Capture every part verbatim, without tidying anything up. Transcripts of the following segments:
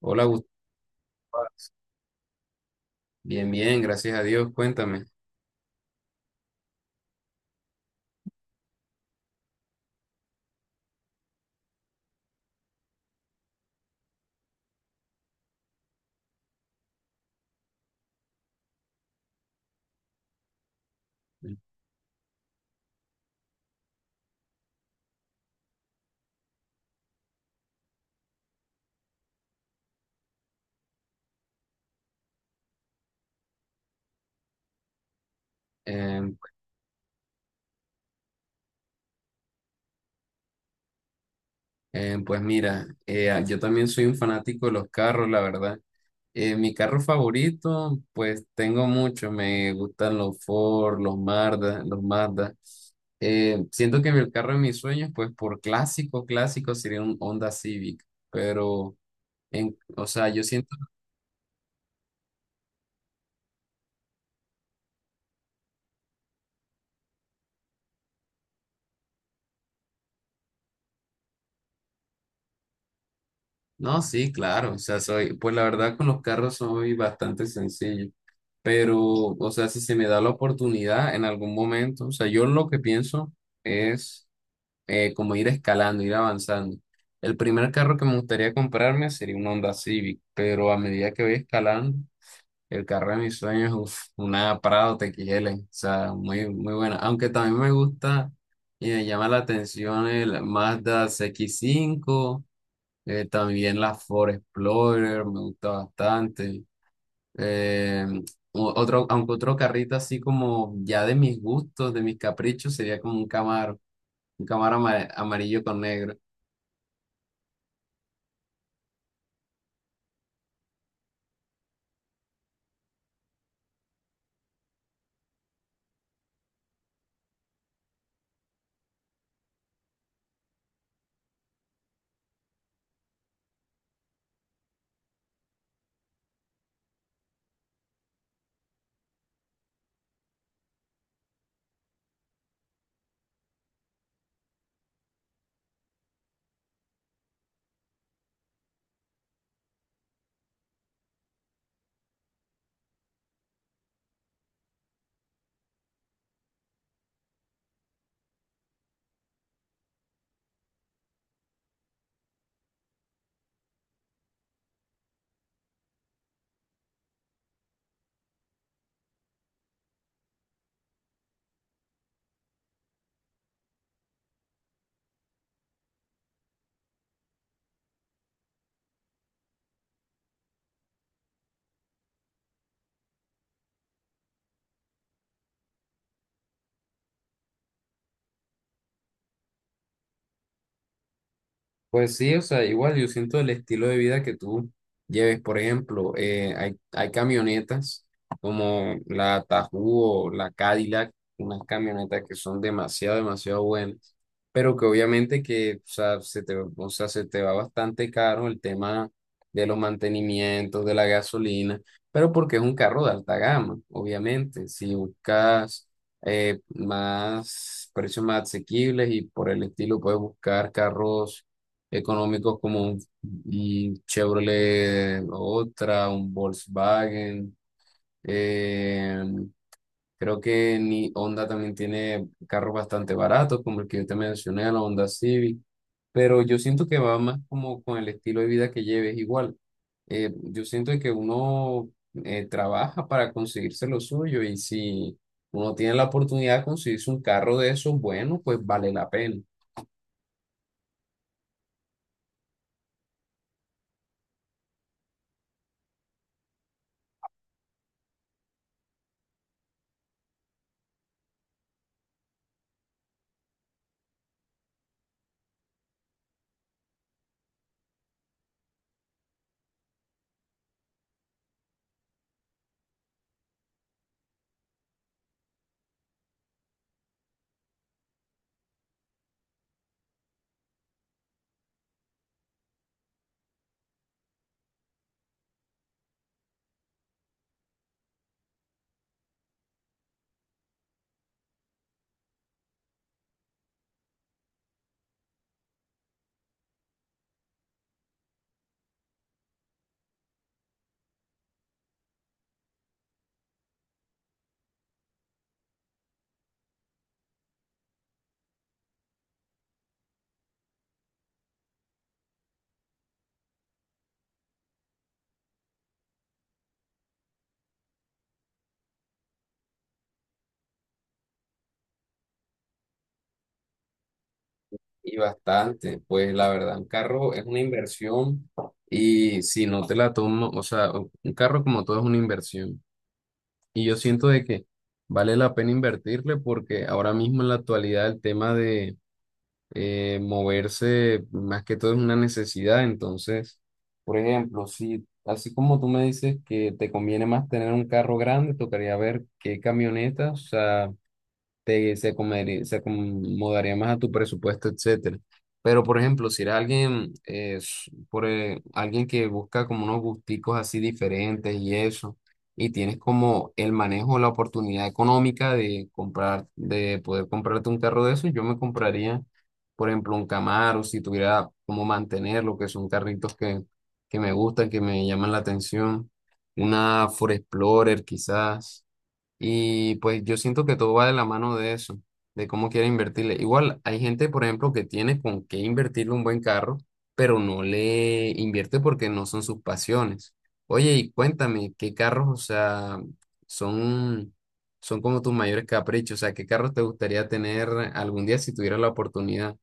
Hola, Gustavo. Bien, bien, gracias a Dios. Cuéntame. Eh, eh, pues mira, eh, ah, yo también soy un fanático de los carros, la verdad. Eh, mi carro favorito, pues tengo muchos. Me gustan los Ford, los Mazda, los Mazda. Eh, siento que mi- el carro de mis sueños, pues por clásico, clásico sería un Honda Civic. Pero, en, o sea, yo siento No, sí, claro. O sea, soy, pues la verdad con los carros soy bastante sencillo. Pero, o sea, si se me da la oportunidad en algún momento, o sea, yo lo que pienso es eh, como ir escalando, ir avanzando. El primer carro que me gustaría comprarme sería un Honda Civic, pero a medida que voy escalando, el carro de mis sueños, uf, una Prado T X L, o sea, muy, muy buena. Aunque también me gusta y me llama la atención el Mazda C X cinco, eh, también la Ford Explorer me gusta bastante. Eh, o- Otro, aunque otro carrito así como ya de mis gustos, de mis caprichos, sería como un Camaro, un Camaro ama- amarillo con negro. Pues sí, o sea, igual yo siento el estilo de vida que tú lleves, por ejemplo, eh, hay, hay camionetas como la Tahoe o la Cadillac, unas camionetas que son demasiado, demasiado buenas, pero que obviamente que, o sea, se te, o sea, se te va bastante caro el tema de los mantenimientos, de la gasolina, pero porque es un carro de alta gama. Obviamente, si buscas eh, más precios más asequibles y por el estilo, puedes buscar carros económicos como un, un Chevrolet, otra, un Volkswagen. eh, Creo que ni Honda también tiene carros bastante baratos, como el que yo te mencioné, la Honda Civic. Pero yo siento que va más como con el estilo de vida que lleves igual. Eh, yo siento que uno eh, trabaja para conseguirse lo suyo y si uno tiene la oportunidad de conseguirse un carro de esos, bueno, pues vale la pena. Y bastante, pues la verdad, un carro es una inversión y si no te la tomo, o sea, u- un carro como todo es una inversión. Y yo siento de que vale la pena invertirle porque ahora mismo en la actualidad el tema de eh, moverse más que todo es una necesidad. Entonces, por ejemplo, si así como tú me dices que te conviene más tener un carro grande, tocaría ver qué camionetas, o sea, te, se acomodaría, se acomodaría más a tu presupuesto, etcétera. Pero, por ejemplo, si eres alguien, eh, s- por, eh, alguien que busca como unos gusticos así diferentes y eso, y tienes como el manejo, la oportunidad económica de comprar, de poder comprarte un carro de esos, yo me compraría, por ejemplo, un Camaro, si tuviera cómo mantenerlo, que son carritos que, que me gustan, que me llaman la atención, una Ford Explorer quizás. Y pues yo siento que todo va de la mano de eso, de cómo quiere invertirle. Igual hay gente, por ejemplo, que tiene con qué invertirle un buen carro, pero no le invierte porque no son sus pasiones. Oye, y cuéntame, ¿qué carros, o sea, son, son como tus mayores caprichos? O sea, ¿qué carros te gustaría tener algún día si tuvieras la oportunidad?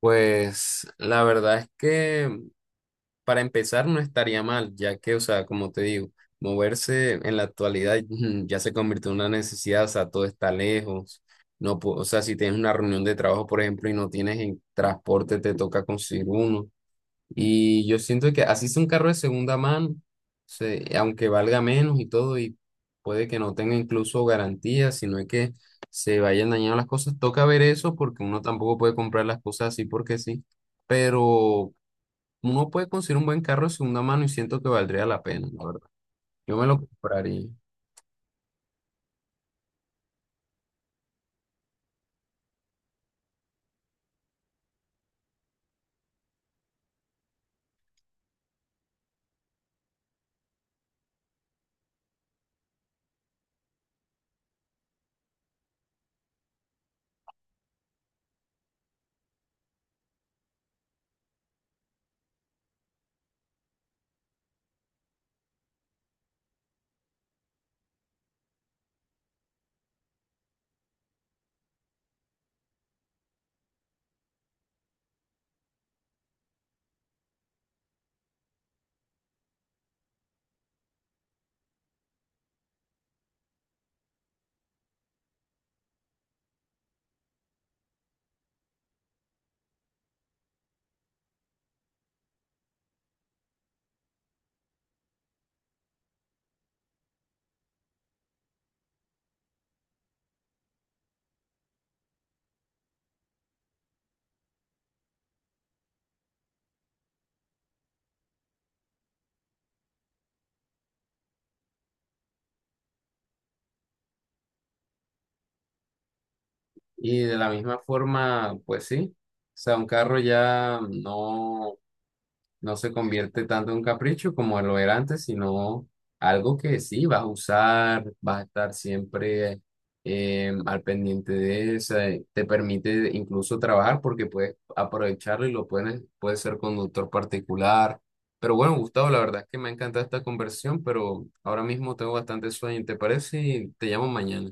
Pues la verdad es que para empezar no estaría mal, ya que, o sea, como te digo, moverse en la actualidad mm, ya se convirtió en una necesidad, o sea, todo está lejos. No, pu- o sea, si tienes una reunión de trabajo, por ejemplo, y no tienes en transporte, te toca conseguir uno. Y yo siento que así sea un carro de segunda mano, se- aunque valga menos y todo, y puede que no tenga incluso garantía, sino es que se vayan dañando las cosas. Toca ver eso porque uno tampoco puede comprar las cosas así porque sí, pero uno puede conseguir un buen carro de segunda mano y siento que valdría la pena, la verdad. Yo me lo compraría. Y de la misma forma, pues sí. O sea, un carro ya no. No se convierte tanto en un capricho como lo era antes, sino algo que sí vas a usar, vas a estar siempre eh, al pendiente de eso. Eh, te permite incluso trabajar porque puedes aprovecharlo y lo puedes, puedes ser conductor particular. Pero bueno, Gustavo, la verdad es que me ha encantado esta conversión, pero ahora mismo tengo bastante sueño, ¿te parece? Y te llamo mañana.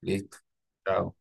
Listo. Chao.